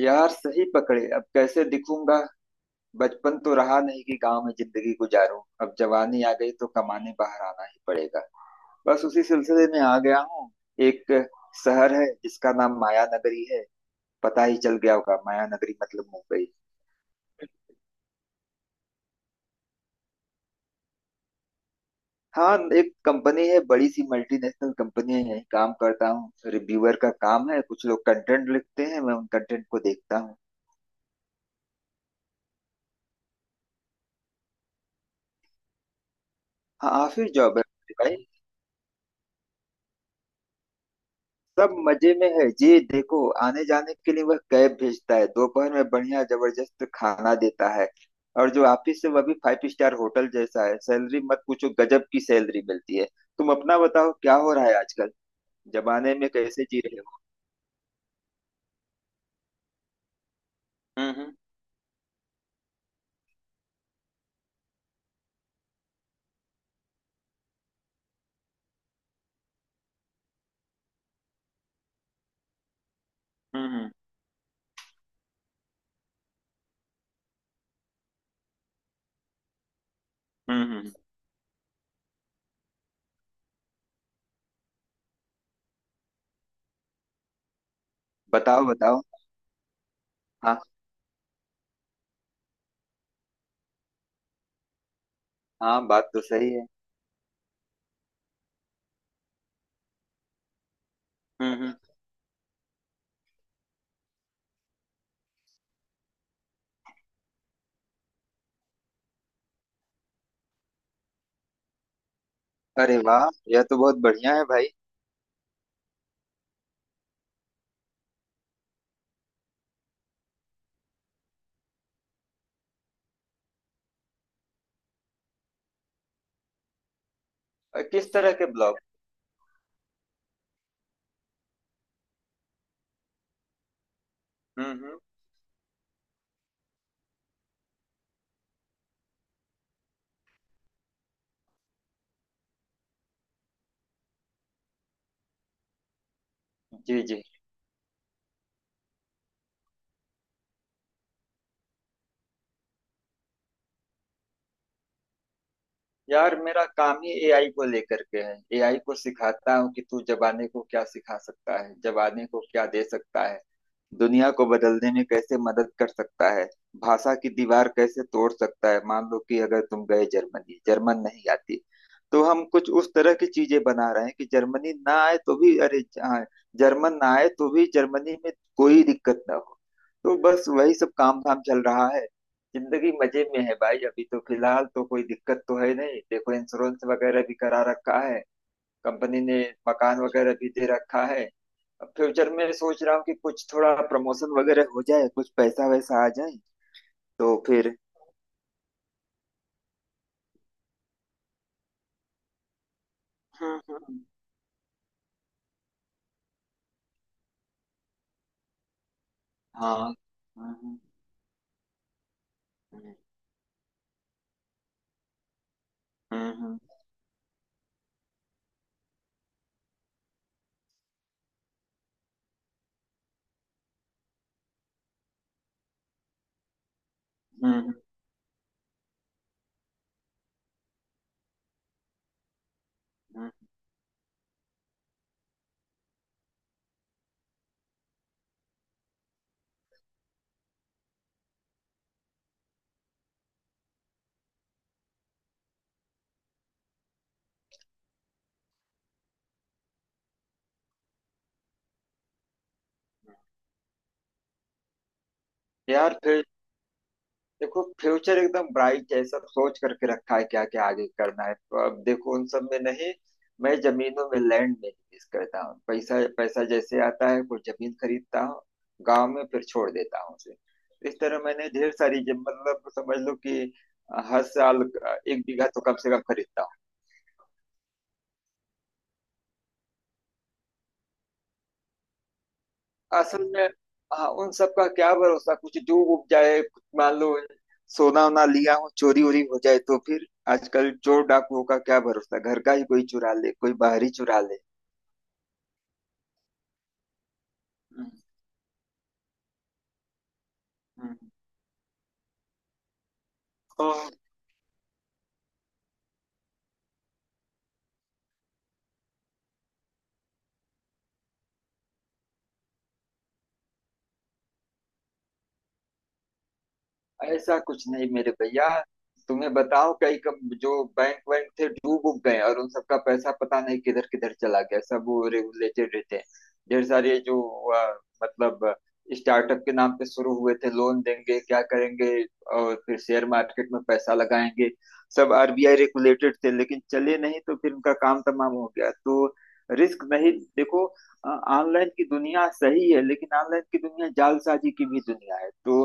यार, सही पकड़े, अब कैसे दिखूंगा। बचपन तो रहा नहीं कि गांव में जिंदगी गुजारूं। अब जवानी आ गई तो कमाने बाहर आना ही पड़ेगा। बस उसी सिलसिले में आ गया हूँ। एक शहर है जिसका नाम माया नगरी है। पता ही चल गया होगा, माया नगरी मतलब मुंबई। हाँ, एक कंपनी है, बड़ी सी मल्टीनेशनल कंपनी है, यहीं काम करता हूँ। रिव्यूअर का काम है, कुछ लोग कंटेंट लिखते हैं, मैं उन कंटेंट को देखता हूँ। हाँ, ऑफिस जॉब है। भाई, सब मजे में है जी। देखो, आने जाने के लिए वह कैब भेजता है, दोपहर में बढ़िया जबरदस्त खाना देता है। और जो ऑफिस है वह भी फाइव स्टार होटल जैसा है। सैलरी मत पूछो, गजब की सैलरी मिलती है। तुम अपना बताओ, क्या हो रहा है आजकल, जमाने में कैसे जी रहे हो। हम्म। हम्म हम्म। हम्म। बताओ बताओ। हाँ हाँ, बात तो सही है। हम्म। अरे वाह, यह तो बहुत बढ़िया है भाई। किस तरह के ब्लॉग? हम्म, हम्म। जी जी। यार, मेरा काम ही एआई को लेकर के है। एआई को सिखाता हूँ कि तू जबाने को क्या सिखा सकता है, जबाने को क्या दे सकता है, दुनिया को बदलने में कैसे मदद कर सकता है, भाषा की दीवार कैसे तोड़ सकता है। मान लो कि अगर तुम गए जर्मनी, जर्मन नहीं आती, तो हम कुछ उस तरह की चीजें बना रहे हैं कि जर्मनी ना आए तो भी हाँ, जर्मन ना आए तो भी जर्मनी में कोई दिक्कत ना हो। तो बस वही सब काम धाम चल रहा है। जिंदगी मजे में है भाई, अभी तो फिलहाल तो कोई दिक्कत तो है नहीं। देखो, इंश्योरेंस वगैरह भी करा रखा है कंपनी ने, मकान वगैरह भी दे रखा है। अब फ्यूचर में सोच रहा हूँ कि कुछ थोड़ा प्रमोशन वगैरह हो जाए, कुछ पैसा वैसा आ जाए, तो फिर। हम्म। हाँ। हम्म। हम्म। हम्म, हम्म। यार, देखो, फ्यूचर एकदम ब्राइट है, सब सोच करके रखा है क्या क्या आगे करना है। तो अब देखो उन सब में नहीं, मैं जमीनों में, लैंड में निवेश करता हूँ। पैसा पैसा जैसे आता है कुछ जमीन खरीदता हूँ गांव में, फिर छोड़ देता हूँ उसे। तो इस तरह मैंने ढेर सारी मतलब समझ लो कि हर साल एक बीघा तो कम से कम खरीदता। असल में। हाँ, उन सब का क्या भरोसा, कुछ डूब उब जाए, कुछ मान लो सोना वोना लिया हो, चोरी वोरी हो जाए तो फिर। आजकल चोर डाकुओं का क्या भरोसा, घर का ही कोई चुरा ले, कोई बाहरी चुरा ले। हम्म, हम्म। हाँ, ऐसा कुछ नहीं मेरे भैया। तुम्हें बताओ, कई कम जो बैंक वैंक थे डूब उब गए, और उन सबका पैसा पता नहीं किधर किधर चला गया, सब वो रेगुलेटेड रहते हैं। ढेर सारे जो मतलब स्टार्टअप के नाम पे शुरू हुए थे, लोन देंगे क्या करेंगे और फिर शेयर मार्केट में पैसा लगाएंगे, सब आरबीआई रेगुलेटेड थे, लेकिन चले नहीं, तो फिर उनका काम तमाम हो गया। तो रिस्क नहीं। देखो, ऑनलाइन की दुनिया सही है, लेकिन ऑनलाइन की दुनिया जालसाजी की भी दुनिया है। तो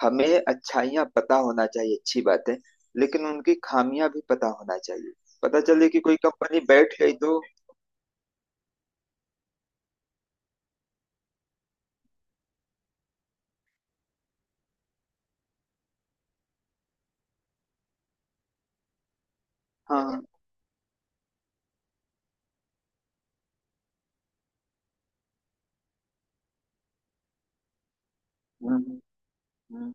हमें अच्छाइयाँ पता होना चाहिए, अच्छी बात है, लेकिन उनकी खामियां भी पता होना चाहिए। पता चले कि कोई कंपनी बैठ गई तो। हाँ हाँ। हम्म, हम्म,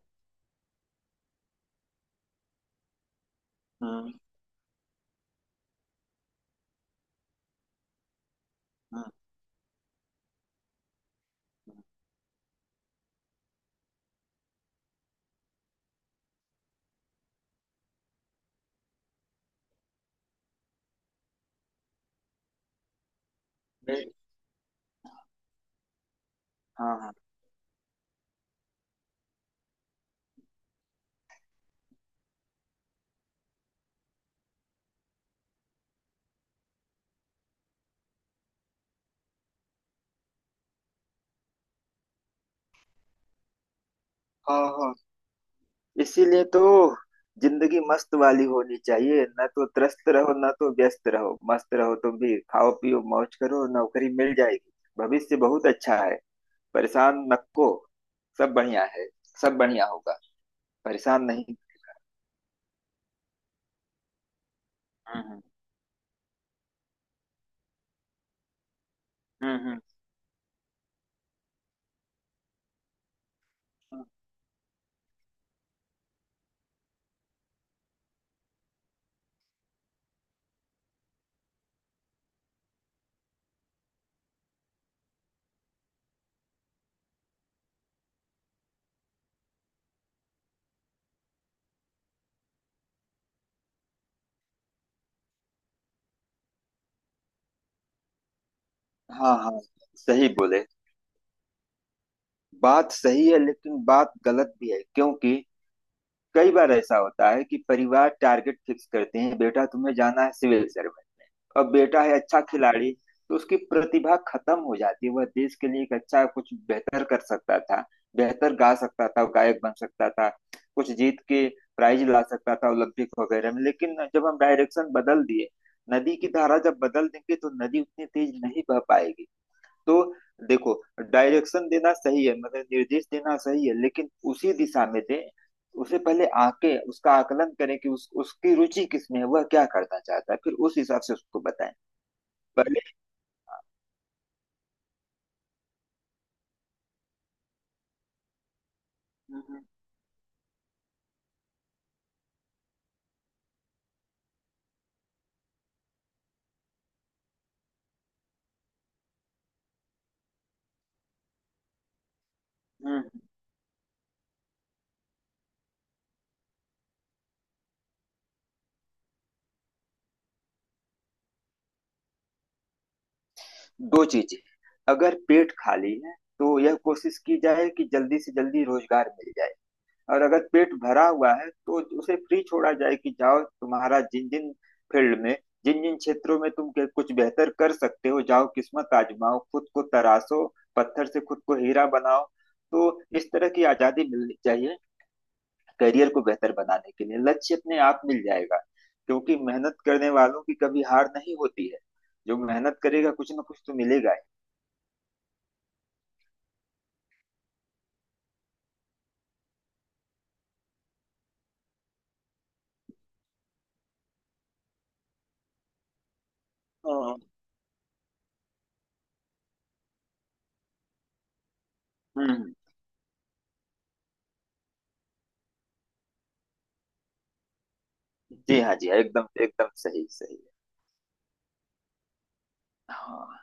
हम्म, हम्म, हम्म। बैठ- हाँ हाँ। हाँ हाँ। इसीलिए तो जिंदगी मस्त वाली होनी चाहिए। ना तो त्रस्त रहो, ना तो व्यस्त रहो, मस्त रहो। तुम भी खाओ पियो मौज करो, नौकरी मिल जाएगी। भविष्य बहुत अच्छा है। परेशान मत को। सब बढ़िया है। सब बढ़िया होगा। परेशान नहीं। हम्म हम्म। हम्म। हाँ हाँ, सही बोले। बात सही है लेकिन बात गलत भी है, क्योंकि कई बार ऐसा होता है कि परिवार टारगेट फिक्स करते हैं, बेटा तुम्हें जाना है सिविल सर्विस, और बेटा है अच्छा खिलाड़ी। तो उसकी प्रतिभा खत्म हो जाती है। वह देश के लिए एक अच्छा कुछ बेहतर कर सकता था, बेहतर गा सकता था, गायक बन सकता था, कुछ जीत के प्राइज ला सकता था ओलंपिक वगैरह में, लेकिन जब हम डायरेक्शन बदल दिए। नदी की धारा जब बदल देंगे तो नदी उतनी तेज नहीं बह पाएगी। तो देखो, डायरेक्शन देना सही है, मतलब निर्देश देना सही है, लेकिन उसी दिशा में दे। उसे पहले आके उसका आकलन करें कि उसकी रुचि किस में है, वह क्या करना चाहता है, फिर उस हिसाब से उसको बताएं। पहले। हम्म, हम्म। दो चीजें। अगर पेट खाली है, तो यह कोशिश की जाए कि जल्दी से जल्दी रोजगार मिल जाए। और अगर पेट भरा हुआ है तो उसे फ्री छोड़ा जाए कि जाओ, तुम्हारा जिन जिन फील्ड में, जिन जिन क्षेत्रों में तुम कुछ बेहतर कर सकते हो, जाओ, किस्मत आजमाओ, खुद को तराशो, पत्थर से खुद को हीरा बनाओ। तो इस तरह की आजादी मिलनी चाहिए। करियर को बेहतर बनाने के लिए लक्ष्य अपने आप मिल जाएगा। क्योंकि मेहनत करने वालों की कभी हार नहीं होती है। जो मेहनत करेगा कुछ ना कुछ तो मिलेगा ही। हाँ। हम्म। जी हाँ जी हाँ, एकदम एकदम सही सही। हाँ।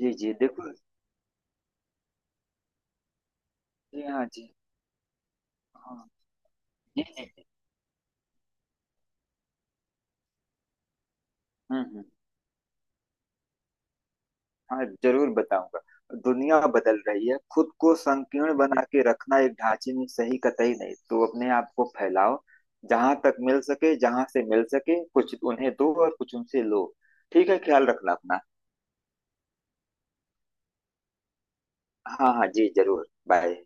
जी जी देखो। जी हाँ जी हाँ। ये- हम्म। हाँ, जरूर बताऊंगा। दुनिया बदल रही है। खुद को संकीर्ण बना के रखना एक ढांचे में सही कतई नहीं। तो अपने आप को फैलाओ, जहां तक मिल सके, जहां से मिल सके, कुछ उन्हें दो और कुछ उनसे लो। ठीक है, ख्याल रखना अपना। हाँ हाँ जी, जरूर, बाय।